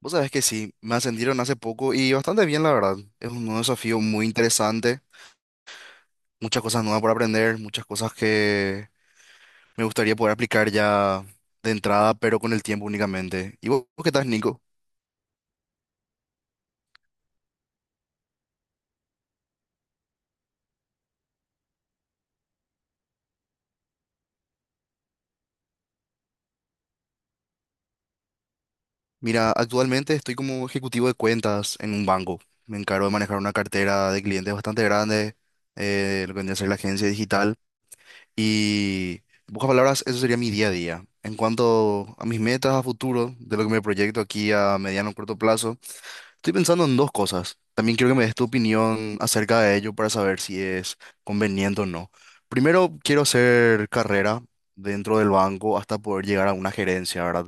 Vos sabés que sí, me ascendieron hace poco y bastante bien, la verdad. Es un nuevo desafío muy interesante, muchas cosas nuevas por aprender, muchas cosas que me gustaría poder aplicar ya de entrada, pero con el tiempo únicamente. ¿Y vos qué tal, Nico? Mira, actualmente estoy como ejecutivo de cuentas en un banco. Me encargo de manejar una cartera de clientes bastante grande, lo que vendría a ser la agencia digital. Y, en pocas palabras, eso sería mi día a día. En cuanto a mis metas a futuro, de lo que me proyecto aquí a mediano o corto plazo, estoy pensando en dos cosas. También quiero que me des tu opinión acerca de ello para saber si es conveniente o no. Primero, quiero hacer carrera dentro del banco hasta poder llegar a una gerencia, ¿verdad?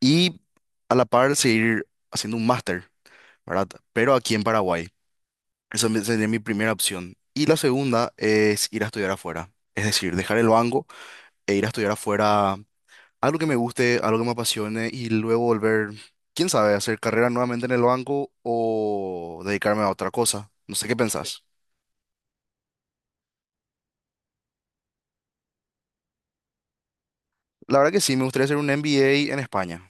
Y a la par seguir haciendo un máster, ¿verdad? Pero aquí en Paraguay. Sería mi primera opción. Y la segunda es ir a estudiar afuera. Es decir, dejar el banco e ir a estudiar afuera algo que me guste, algo que me apasione y luego volver, quién sabe, a hacer carrera nuevamente en el banco o dedicarme a otra cosa. No sé qué pensás. La verdad que sí, me gustaría hacer un MBA en España.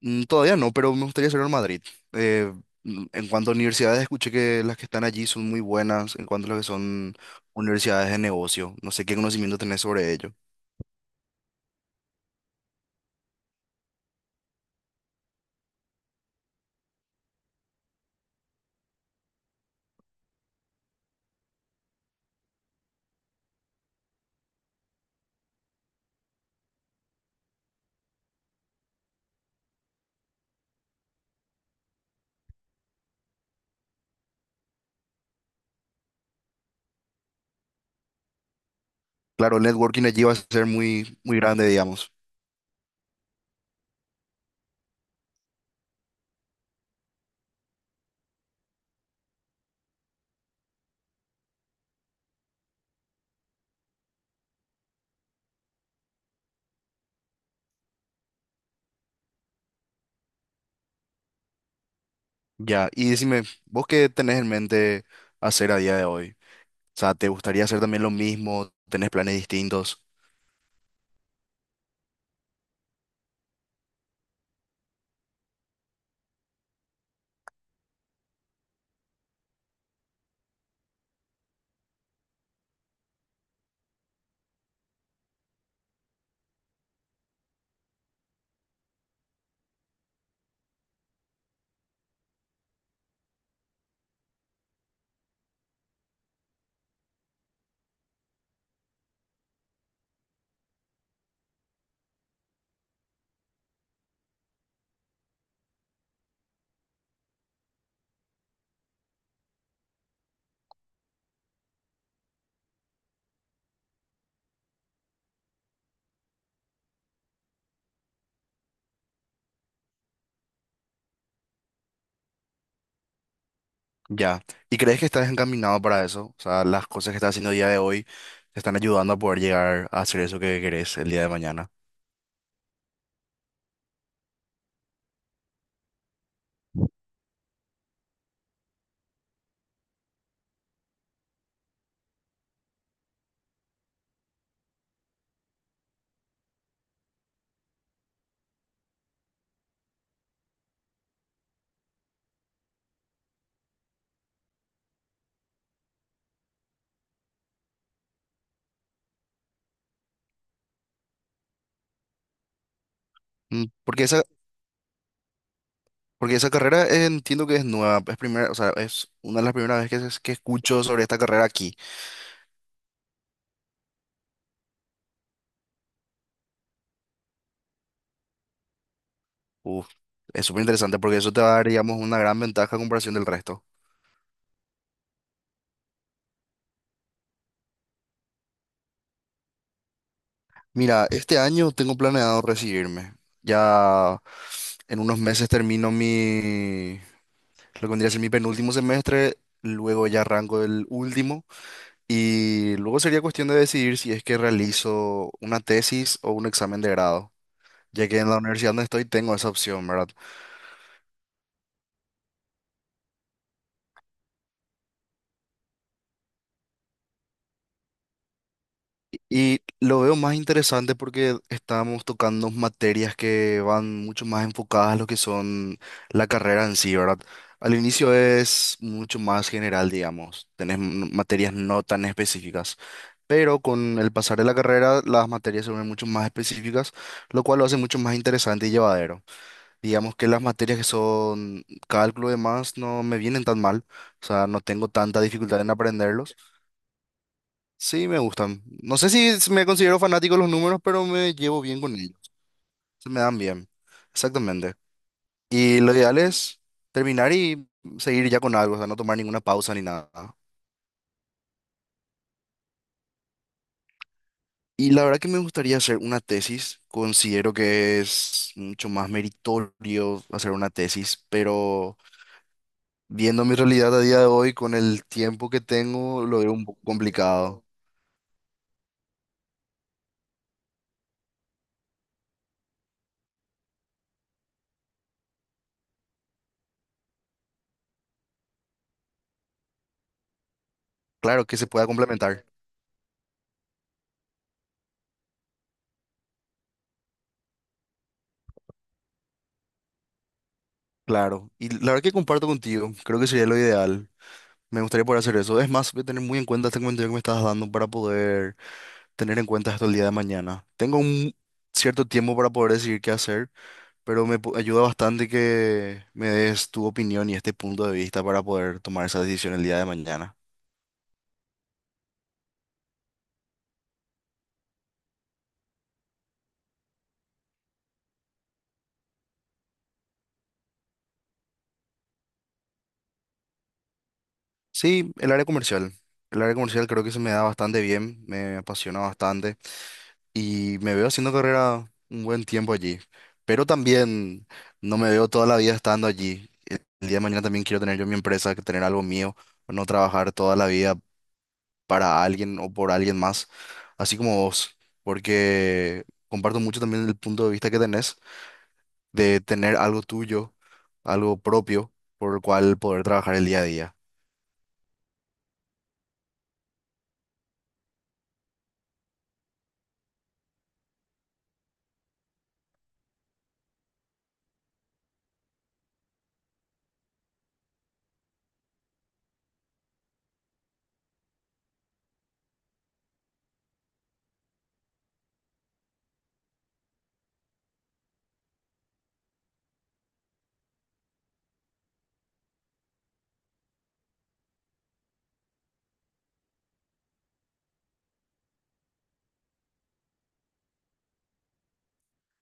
Todavía no, pero me gustaría hacerlo en Madrid. Eh, en cuanto a universidades, escuché que las que están allí son muy buenas en cuanto a lo que son universidades de negocio. No sé qué conocimiento tenés sobre ello. Claro, el networking allí va a ser muy, muy grande, digamos. Ya, y decime, ¿vos qué tenés en mente hacer a día de hoy? O sea, ¿te gustaría hacer también lo mismo? ¿Tenés planes distintos? Ya. ¿Y crees que estás encaminado para eso? O sea, las cosas que estás haciendo el día de hoy te están ayudando a poder llegar a hacer eso que querés el día de mañana. Mm, Porque esa, porque esa carrera entiendo que es nueva, es primera, o sea, es una de las primeras veces que escucho sobre esta carrera aquí. Uf, es súper interesante porque eso te va a dar, digamos, una gran ventaja a comparación del resto. Mira, este año tengo planeado recibirme. Ya en unos meses termino mi, lo que vendría a ser mi penúltimo semestre, luego ya arranco el último y luego sería cuestión de decidir si es que realizo una tesis o un examen de grado, ya que en la universidad donde estoy tengo esa opción, ¿verdad? Y lo veo más interesante porque estamos tocando materias que van mucho más enfocadas a lo que son la carrera en sí, ¿verdad? Al inicio es mucho más general, digamos. Materias no tan específicas. Pero con el pasar de la carrera, las materias se vuelven mucho más específicas, lo cual lo hace mucho más interesante y llevadero. Digamos que las materias que son cálculo y demás no me vienen tan mal, o sea, no tengo tanta dificultad en aprenderlos. Sí, me gustan. No sé si s- me considero fanático de los números, pero me llevo bien con ellos. Se me dan bien. Exactamente. Y lo ideal es terminar y seguir ya con algo, o sea, no tomar ninguna pausa ni nada. Y la verdad que me gustaría hacer una tesis. Considero que es mucho más meritorio hacer una tesis, pero viendo mi realidad a día de hoy, con el tiempo que tengo, lo veo un poco complicado. Claro que se pueda complementar. Claro. Y la verdad que comparto contigo. Creo que sería lo ideal. Me gustaría poder hacer eso. Es más, voy a tener muy en cuenta este comentario que me estás dando para poder tener en cuenta esto el día de mañana. Tengo un cierto tiempo para poder decidir qué hacer, pero ayuda bastante que me des tu opinión y este punto de vista para poder tomar esa decisión el día de mañana. Sí, el área comercial. El área comercial creo que se me da bastante bien, me apasiona bastante, y me veo haciendo carrera un buen tiempo allí, pero también no me veo toda la vida estando allí. El día de mañana también quiero tener yo mi empresa, que tener algo mío, no trabajar toda la vida para alguien o por alguien más, así como vos, porque comparto mucho también el punto de vista que tenés de tener algo tuyo, algo propio, por el cual poder trabajar el día a día.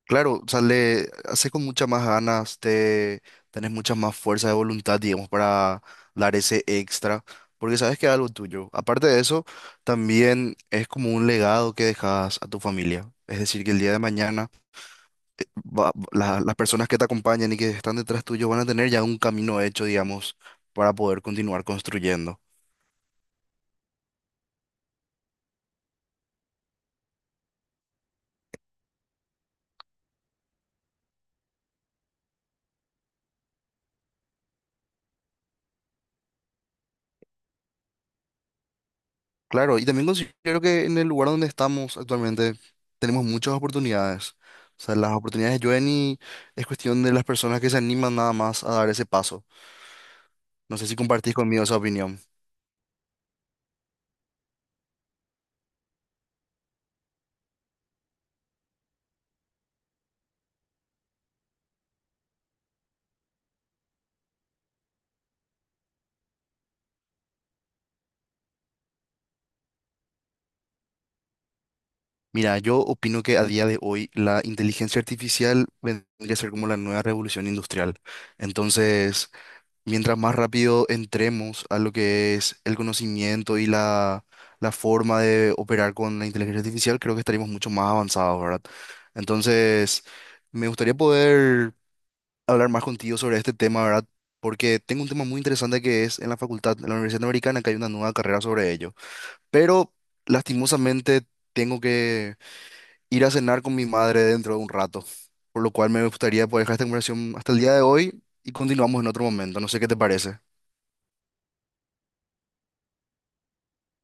Claro, o sea, le haces con muchas más ganas, te tenés mucha más fuerza de voluntad, digamos, para dar ese extra, porque sabes que es algo tuyo. Aparte de eso, también es como un legado que dejas a tu familia. Es decir, que el día de mañana las personas que te acompañan y que están detrás tuyo van a tener ya un camino hecho, digamos, para poder continuar construyendo. Claro, y también considero que en el lugar donde estamos actualmente tenemos muchas oportunidades. O sea, las oportunidades llueven y es cuestión de las personas que se animan nada más a dar ese paso. No sé si compartís conmigo esa opinión. Mira, yo opino que a día de hoy la inteligencia artificial vendría a ser como la nueva revolución industrial. Entonces, mientras más rápido entremos a lo que es el conocimiento y la forma de operar con la inteligencia artificial, creo que estaríamos mucho más avanzados, ¿verdad? Entonces, me gustaría poder hablar más contigo sobre este tema, ¿verdad? Porque tengo un tema muy interesante que es en la facultad, en la Universidad Americana, que hay una nueva carrera sobre ello. Pero, lastimosamente, tengo que ir a cenar con mi madre dentro de un rato, por lo cual me gustaría poder dejar esta conversación hasta el día de hoy y continuamos en otro momento. No sé qué te parece.